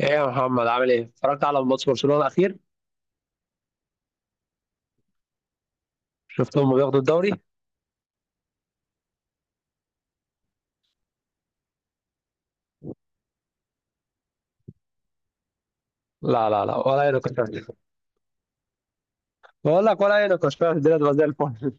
ايه يا محمد، عامل ايه؟ اتفرجت على ماتش برشلونة الأخير؟ شفتهم بياخدوا الدوري؟ لا لا لا، ولا أي نقاش فيه. بقول لك ولا أي نقاش فيها، الدنيا تبقى زي الفل.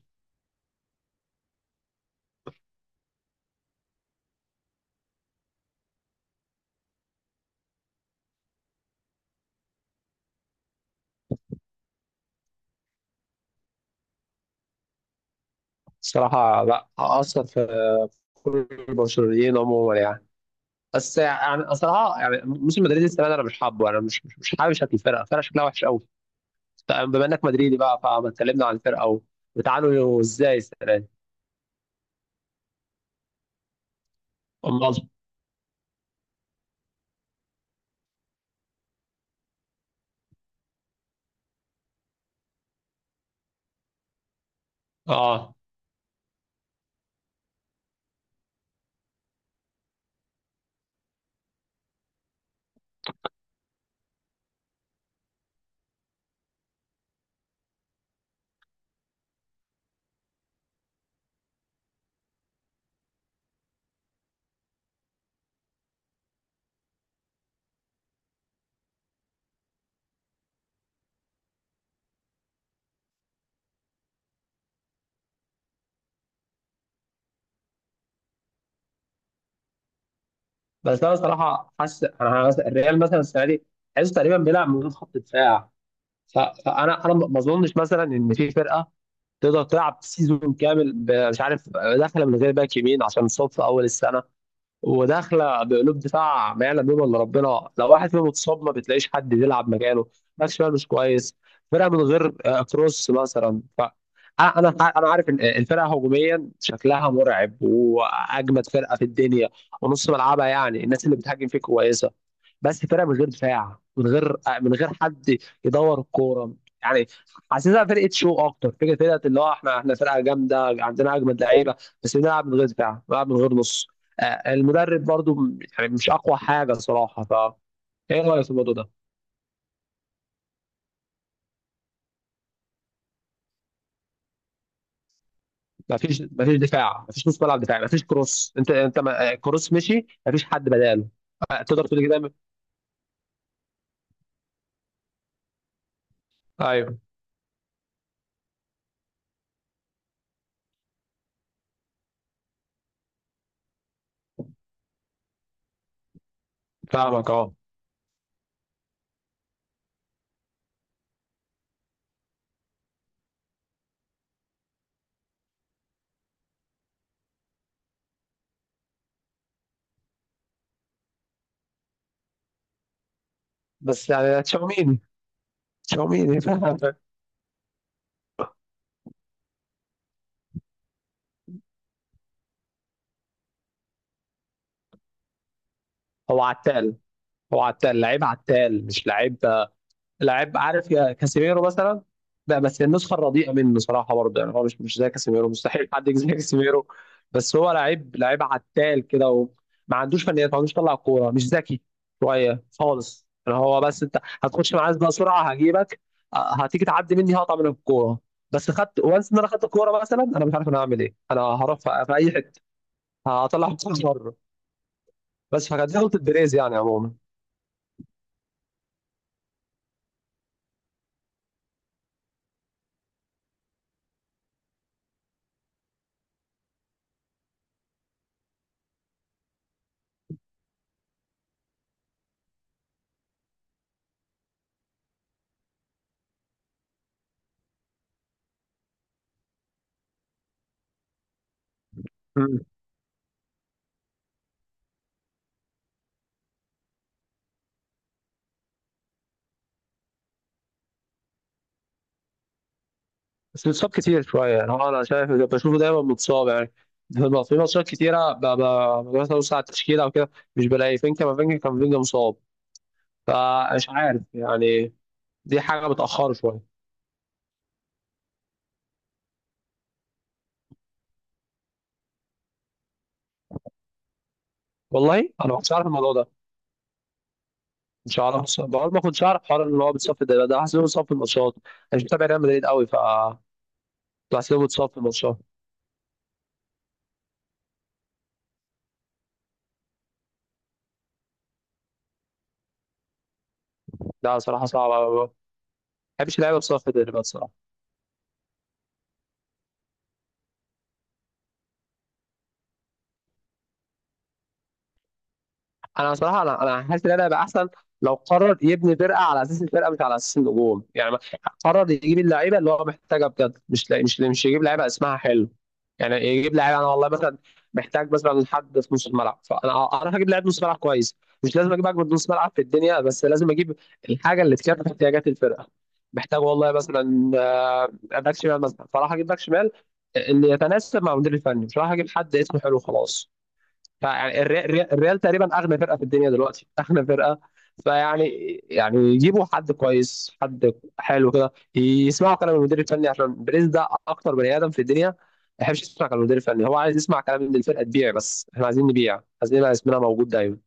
الصراحة لا أثر في كل البرشلونيين عموما، يعني. بس يعني الصراحة، يعني موسم مدريد السنة دي أنا مش حابب شكل الفرقة شكلها وحش قوي. بما إنك مدريدي بقى، فما اتكلمنا عن الفرقة، وبتعانوا إزاي السنة دي؟ أمال، اه. بس أنا صراحة حاسس، أنا حاسس الريال مثلا السنة دي حاسس تقريبا بيلعب من غير خط دفاع. ف- فانا ما اظنش مثلا ان في فرقه تقدر تلعب سيزون كامل، مش عارف، داخله من غير باك يمين عشان صف اول السنه، وداخله بقلوب دفاع ما يعلم بهم الا ربنا. لو واحد فيهم اتصاب ما بتلاقيش حد بيلعب مكانه، ماكسويل مش كويس. فرقه من غير كروس مثلا. أنا عارف ان الفرقه هجوميا شكلها مرعب، واجمد فرقه في الدنيا، ونص ملعبها يعني الناس اللي بتهاجم فيه كويسه. بس فرقه من غير دفاع، من غير من غير حد يدور الكوره، يعني. حاسسها فرقه شو اكتر فكره، فرقه اللي هو احنا، فرقه جامده عندنا اجمد لعيبه، بس بنلعب من غير دفاع، بنلعب من غير نص. المدرب برضو يعني مش اقوى حاجه صراحه. ايه رايك في الموضوع ده؟ مفيش، دفاع، مفيش نص ملعب دفاعي، مفيش كروس. انت كروس مشي مفيش حد بداله. تقدر تقول كده، ايوه، فاهمك، اه. بس يعني تشاوميني، تشاوميني فاهم. هو عتال، هو عتال، لعيب عتال مش لعيب، لعيب. عارف يا كاسيميرو مثلا، لا، بس النسخه الرديئه منه صراحه، برضه يعني هو مش زي كاسيميرو، مستحيل حد يجي زي كاسيميرو. بس هو لعيب، لعيب عتال كده، وما عندوش فنيات، ما عندوش طلع كوره، مش ذكي شويه خالص، يعني هو. بس انت هتخش معايا بقى سرعه هجيبك، هتيجي تعدي مني هقطع منك الكوره. بس خدت وانس ان انا خدت الكوره مثلا، انا مش عارف انا هعمل ايه، انا هروح في اي حته، هطلع الكوره بره. بس فكانت دي غلطه بيريز يعني عموما. بس بيتصاب كتير شوية، يعني هو أنا شايف بشوفه دايما متصاب، يعني في ماتشات كتيرة ببقى مثلا ببص على التشكيلة وكده، مش بلاقي فينكا، ما فينكا كان فينكا مصاب. فمش عارف يعني، دي حاجة بتأخره شوية. والله أنا ما كنتش عارف الموضوع ده، مش عارف، بقول ما كنتش عارف حوار إن هو بيتصاب في الدوري ده، حاسس إنه بيتصاب في الماتشات. أنا مش متابع ريال مدريد قوي. بحس إنه بيتصاب في الماتشات. لا صراحة صعبة أوي. ما بحبش اللعيبة بتصاب في الدوري بصراحة. انا بصراحه انا حاسس ان انا هيبقى احسن، لو قرر يبني فرقه على اساس الفرقه مش على اساس النجوم، يعني قرر يجيب اللعيبه اللي هو محتاجها بجد، مش لا- مش مش يجيب لعيبه اسمها حلو. يعني يجيب لعيبه، انا والله مثلا محتاج مثلا حد في نص الملعب، فانا هجيب لعيب نص ملعب كويس، مش لازم اجيب اجمد نص ملعب في الدنيا، بس لازم اجيب الحاجه اللي تكفي احتياجات الفرقه. محتاج والله مثلا باك شمال مثلا، فراح اجيب باك شمال اللي يتناسب مع المدير الفني، مش راح اجيب حد اسمه حلو خلاص. فيعني الريال تقريبا اغنى فرقه في الدنيا دلوقتي، اغنى فرقه. فيعني يعني يجيبوا حد كويس، حد حلو كده، يسمعوا كلام المدير الفني، عشان بريز ده اكتر بني ادم في الدنيا ما يحبش يسمع كلام المدير الفني، هو عايز يسمع كلام ان الفرقه تبيع، بس احنا عايزين نبيع، عايزين يبقى اسمنا موجود دايما.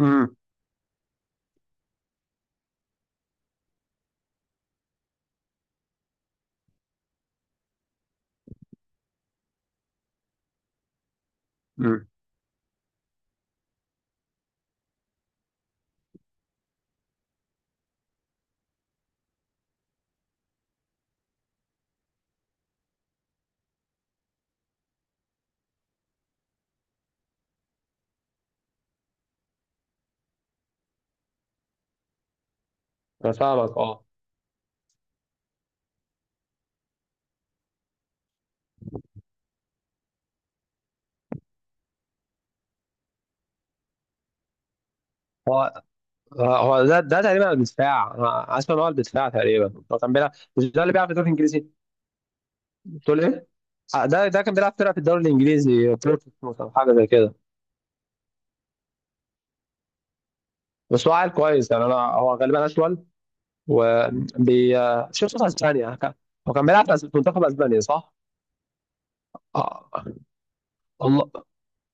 امم امم انا فاهمك، اه. هو هو ده تقريبا الدفاع. انا اسمع ان هو الدفاع تقريبا هو كان بيلعب، مش ده اللي بيلعب في الدوري الانجليزي؟ بتقول ايه؟ ده كان بيلعب فرقه في الدوري الانجليزي، بروتوس مثلا، حاجه زي كده. بس هو عيل كويس يعني، انا هو غالبا اشول، وبي شوف صوت اسبانيا. هو كان بيلعب في في منتخب اسبانيا صح؟ آه. والله،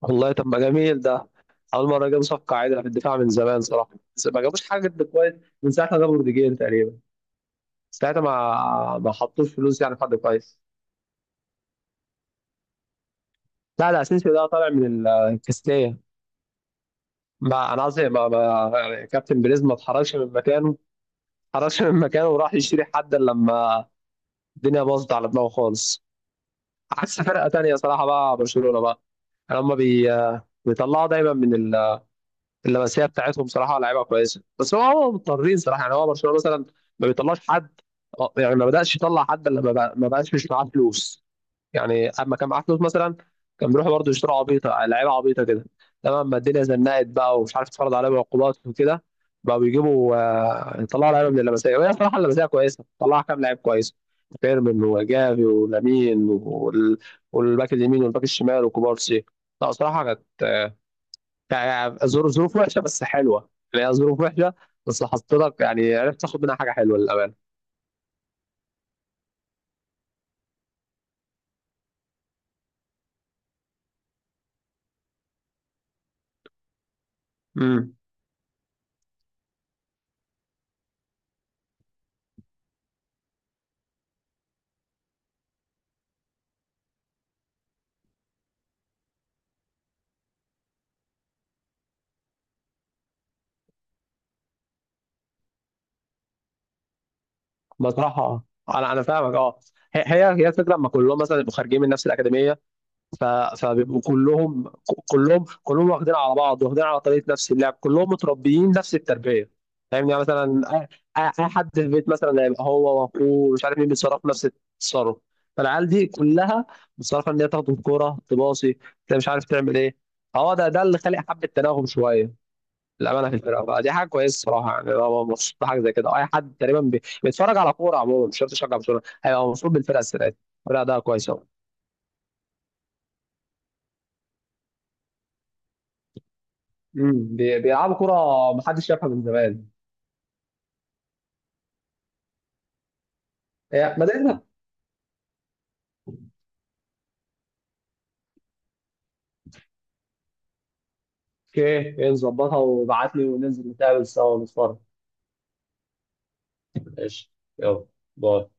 والله طب ما جميل ده. اول مره جابوا صفقه عادله في الدفاع من زمان صراحه، بس ما جابوش حاجه جد كويس من ساعه ما جابوا روديجير تقريبا. ساعتها ما حطوش فلوس يعني في حد كويس. لا لا، اسينسيو ده طالع من الكاستيا. ما انا قصدي ما يعني كابتن بيريز ما اتحركش من مكانه، ما اتحركش من مكانه وراح يشتري حد إلا لما الدنيا باظت على دماغه خالص. عكس فرقه تانية صراحه بقى، برشلونه بقى هم بيطلعوا دايما من اللمسيه بتاعتهم. صراحه لعيبه كويسه، بس هو مضطرين صراحه، يعني هو برشلونه مثلا ما بيطلعش حد، يعني ما بداش يطلع حد الا لما ما بقاش مش معاه فلوس. يعني اما كان معاه فلوس مثلا كان بيروحوا برضه يشتروا عبيطه، لعيبه عبيطه كده، تمام. ما الدنيا زنقت بقى ومش عارف تتفرض عليهم عقوبات وكده، بقى بيجيبوا، يطلعوا لعيبه من اللمسيه، وهي صراحه اللمسيه كويسه، طلعها كام لعيب كويس: فيرمين وجافي ولامين والباك اليمين والباك الشمال وكوبارسي. لا صراحه كانت يعني ظروف، ظروف وحشه بس حلوه، يعني هي ظروف وحشه بس حطيتك يعني، عرفت تاخد منها حاجه حلوه للامانه. امم بصراحة اه، انا فاهمك، اه. هي الفكره لما كلهم مثلا يبقوا خارجين من نفس الاكاديميه، ف... فبيبقوا كلهم، كلهم واخدين على بعض، واخدين على طريقه نفس اللعب، كلهم متربيين نفس التربيه. فاهمني؟ يعني مثلا، أي حد في البيت مثلا هيبقى هو واخوه مش عارف مين بيتصرف نفس التصرف. فالعيال دي كلها متصرفه ان هي تاخد الكوره تباصي، انت مش عارف تعمل ايه. هو ده اللي خلق حبه تناغم شويه، الامانه في الفرقه. فدي حاجه كويسه الصراحه، يعني انا مبسوط بحاجه زي كده. اي حد تقريبا بيتفرج على كوره عموما، مش شرط يشجع برشلونه، هيبقى مبسوط بالفرقه السنه دي، الفرقه ده كويسه أوي. بيلعبوا كوره محدش شافها من زمان. إيه، ما دام. اوكي إيه، نظبطها وابعت لي، وننزل نتقابل سوا ونتفرج. ماشي، يلا، باي.